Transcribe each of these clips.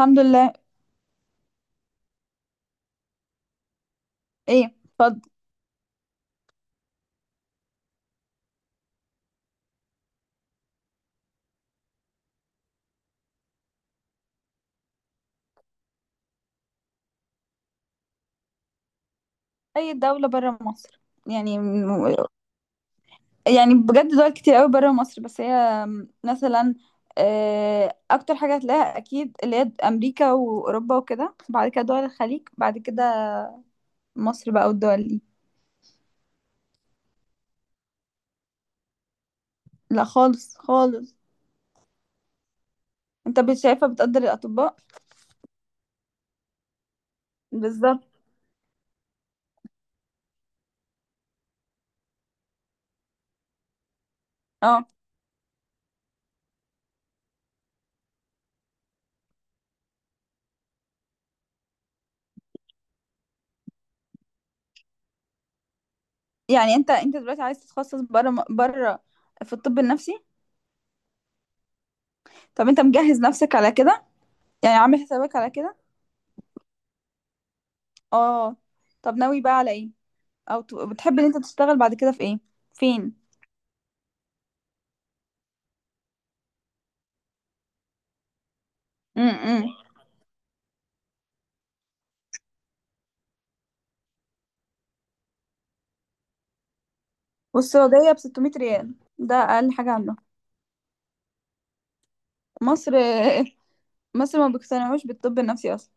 الحمد لله. ايه؟ اتفضل. اي دولة برا مصر يعني؟ يعني بجد دول كتير قوي برا مصر، بس هي مثلا اكتر حاجة هتلاقيها اكيد اللي هي امريكا واوروبا وكده، بعد كده دول الخليج، بعد كده مصر بقى والدول دي. لا، خالص خالص. شايفة بتقدر الاطباء؟ بالظبط. اه، يعني انت دلوقتي عايز تتخصص برا برا، في الطب النفسي؟ طب انت مجهز نفسك على كده؟ يعني عامل حسابك على كده. اه. طب ناوي بقى على ايه؟ او بتحب ان انت تشتغل بعد كده في ايه؟ فين؟ امم والسعودية ب 600 ريال، ده اقل حاجة عندهم. مصر مصر ما بيقتنعوش بالطب النفسي اصلا.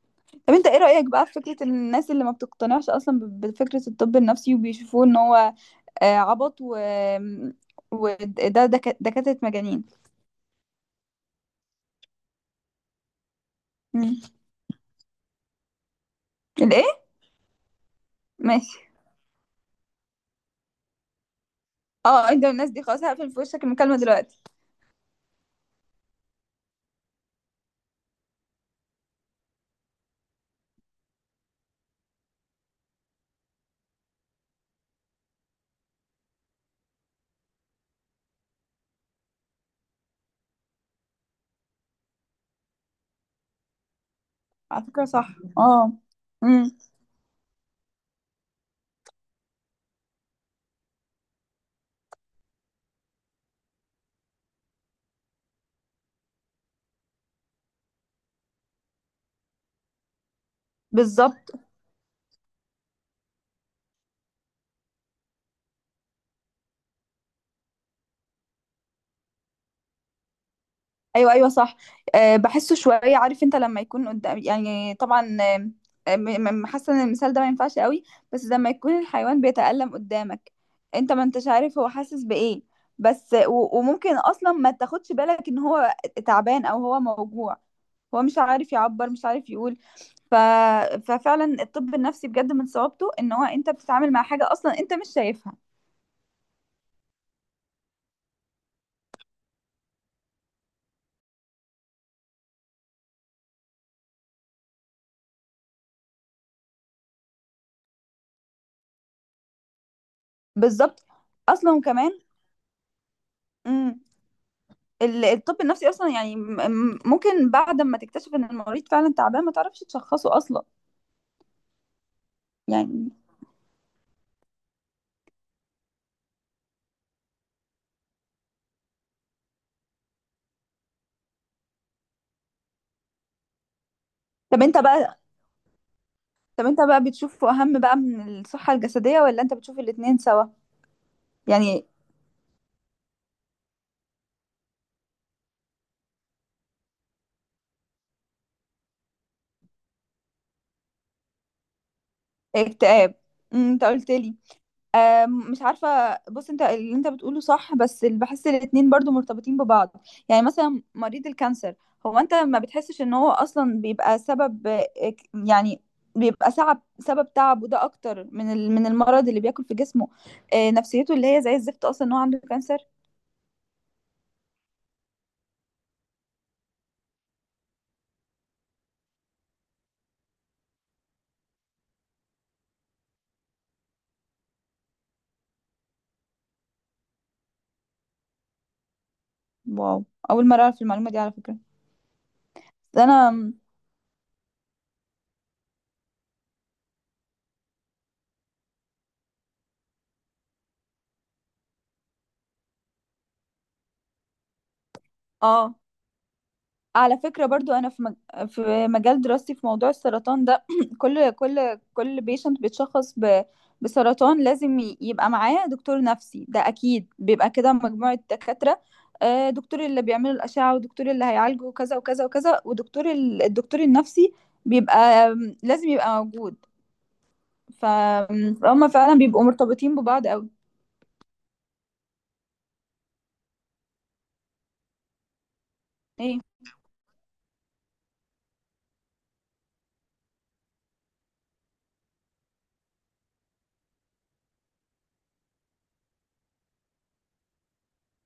طب انت ايه رأيك بقى في فكرة إن الناس اللي ما بتقتنعش اصلا بفكرة الطب النفسي وبيشوفوه ان هو عبط، و وده دكاترة مجانين؟ مم. الايه؟ ماشي. اه، انت من الناس دي، خلاص هقفل في وشك المكالمة دلوقتي. على فكرة صح. اه. امم بالظبط. ايوه ايوه صح. أه، بحسه شويه، عارف، انت لما يكون قدام يعني طبعا. حاسه ان المثال ده ما ينفعش قوي. بس لما يكون الحيوان بيتألم قدامك، انت ما انتش عارف هو حاسس بايه. بس وممكن اصلا ما تاخدش بالك ان هو تعبان او هو موجوع. هو مش عارف يعبر، مش عارف يقول. ف... ففعلا الطب النفسي بجد من صعوبته ان هو انت بتتعامل مع حاجه اصلا انت مش شايفها. بالظبط. اصلا كمان الطب النفسي اصلا يعني ممكن بعد ما تكتشف ان المريض فعلا تعبان ما تعرفش تشخصه اصلا، يعني. طب انت بقى طب انت بقى بتشوفه اهم بقى من الصحة الجسدية ولا انت بتشوف الاتنين سوا؟ يعني اكتئاب. انت قلت لي. مش عارفة، بص، انت اللي انت بتقوله صح، بس اللي بحس الاتنين برضو مرتبطين ببعض. يعني مثلا مريض الكانسر، هو انت ما بتحسش ان هو اصلا بيبقى سبب يعني بيبقى سبب تعبه ده اكتر من من المرض اللي بياكل في جسمه. نفسيته اللي هي زي الزفت اصلا ان هو عنده كانسر. واو، اول مرة اعرف المعلومة دي على فكرة. انا. اه، على فكرة برضو أنا في مجال دراستي في موضوع السرطان ده. كل بيشنت بسرطان لازم يبقى معاه دكتور نفسي، ده أكيد بيبقى كده مجموعة دكاترة. دكتور اللي بيعمل الأشعة، ودكتور اللي هيعالجه، وكذا وكذا وكذا، ودكتور الدكتور النفسي بيبقى، لازم يبقى موجود. ف- فهم فعلا بيبقوا مرتبطين ببعض أوي. ايه؟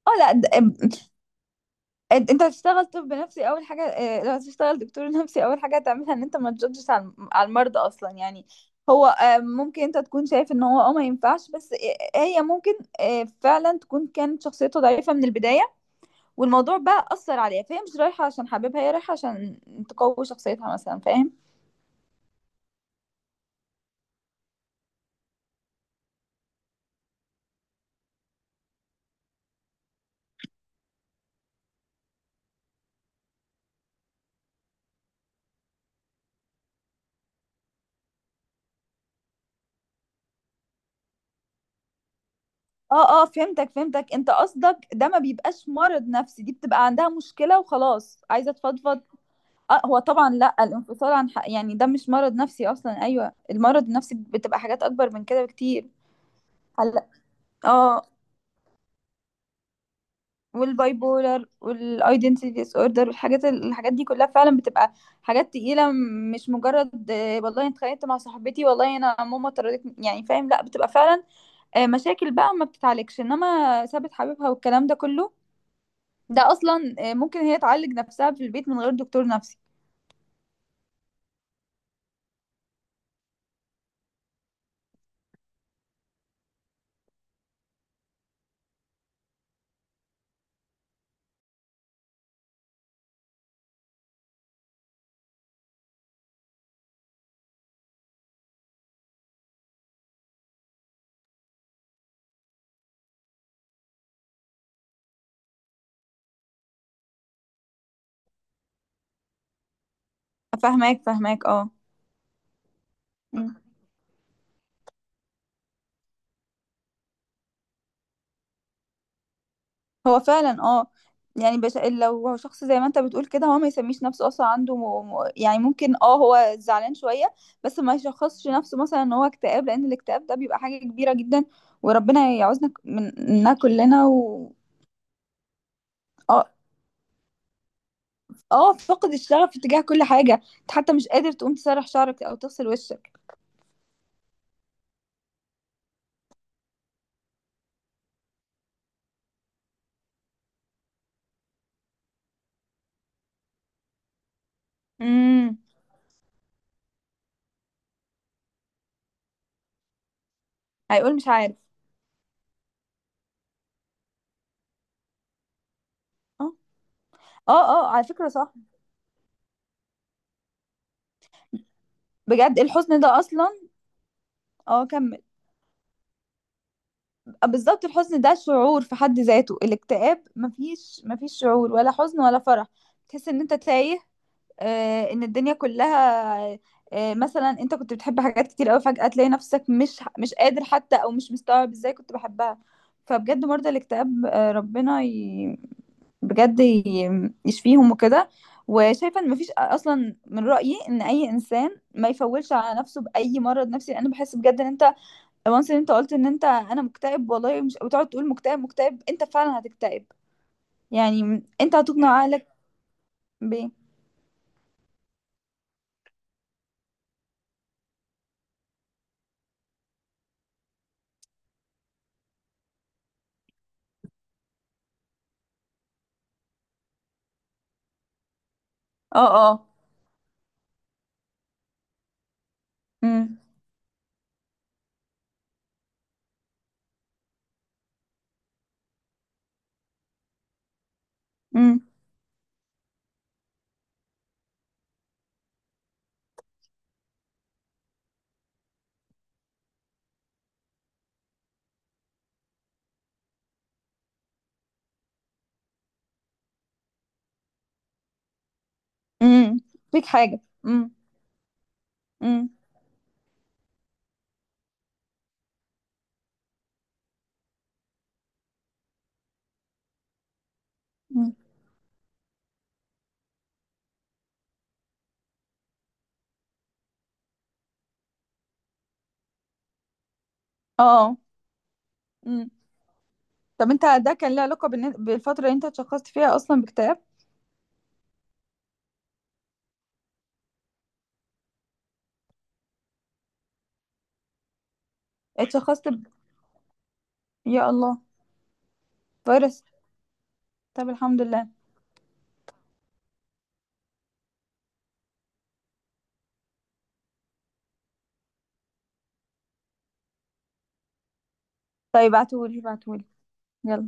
اه. لا، أنت هتشتغل طب نفسي أول حاجة، لو هتشتغل دكتور نفسي أول حاجة هتعملها إن أنت ما تجادجش على على المرضى أصلًا، يعني هو ممكن أنت تكون شايف إن هو ما ينفعش، بس هي ممكن فعلًا تكون كانت شخصيته ضعيفة من البداية، والموضوع بقى أثّر عليها، فهي مش رايحة عشان حاببها، هي رايحة عشان تقوي شخصيتها مثلًا، فاهم؟ آه، آه، فهمتك، فهمتك، أنت قصدك ده ما بيبقاش مرض نفسي، دي بتبقى عندها مشكلة وخلاص، عايزة تفضفض. اه، هو طبعا، لا، الانفصال عن حق يعني ده مش مرض نفسي اصلا، ايوه المرض النفسي بتبقى حاجات اكبر من كده بكتير. هلا. اه. والباي بولر والايدنتي ديس اوردر والحاجات الحاجات دي كلها فعلا بتبقى حاجات تقيله، مش مجرد والله أنا اتخانقت مع صاحبتي، والله انا ماما طردتني يعني، فاهم؟ لا بتبقى فعلا مشاكل بقى ما بتتعالجش، انما سابت حبيبها والكلام ده كله ده اصلا ممكن هي تعالج نفسها في البيت من غير دكتور نفسي. فاهماك، فاهماك، اه. هو فعلا اه، يعني لو هو شخص زي ما انت بتقول كده هو ما يسميش نفسه اصلا عنده يعني ممكن اه هو زعلان شوية، بس ما يشخصش نفسه مثلا ان هو اكتئاب، لان الاكتئاب ده بيبك حاجة كبيرة جدا، وربنا يعوزنا مننا كلنا و... اه. اه، فقد الشغف تجاه كل حاجة، انت حتى مش قادر تقوم تسرح شعرك او تغسل وشك. امم. هيقول مش عارف. اه اه اه، على فكرة صح. بجد الحزن ده اصلا. اه، كمل. بالظبط، الحزن ده شعور في حد ذاته، الاكتئاب مفيش شعور ولا حزن ولا فرح، تحس ان انت تايه، ان الدنيا كلها، مثلا انت كنت بتحب حاجات كتير قوي فجأة تلاقي نفسك مش قادر حتى، او مش مستوعب ازاي كنت بحبها، فبجد مرضى الاكتئاب ربنا بجد يشفيهم وكده، وشايفه ان مفيش اصلا، من رأيي ان اي انسان ما يفولش على نفسه بأي مرض نفسي لان بحس بجد ان انت وانس ان انت قلت ان انت انا مكتئب والله، مش بتقعد تقول مكتئب مكتئب انت فعلا هتكتئب. يعني انت هتقنع عقلك ب... اه اه. امم، امم، امم، فيك حاجه، امم، امم، أمم. اه. امم. طب انت ده كان له علاقه بالفتره اللي انت اتشخصت فيها اصلا باكتئاب؟ اتشخصت يا الله. فيروس؟ طب الحمد لله. طيب، ابعتهولي، ابعتهولي. يلا.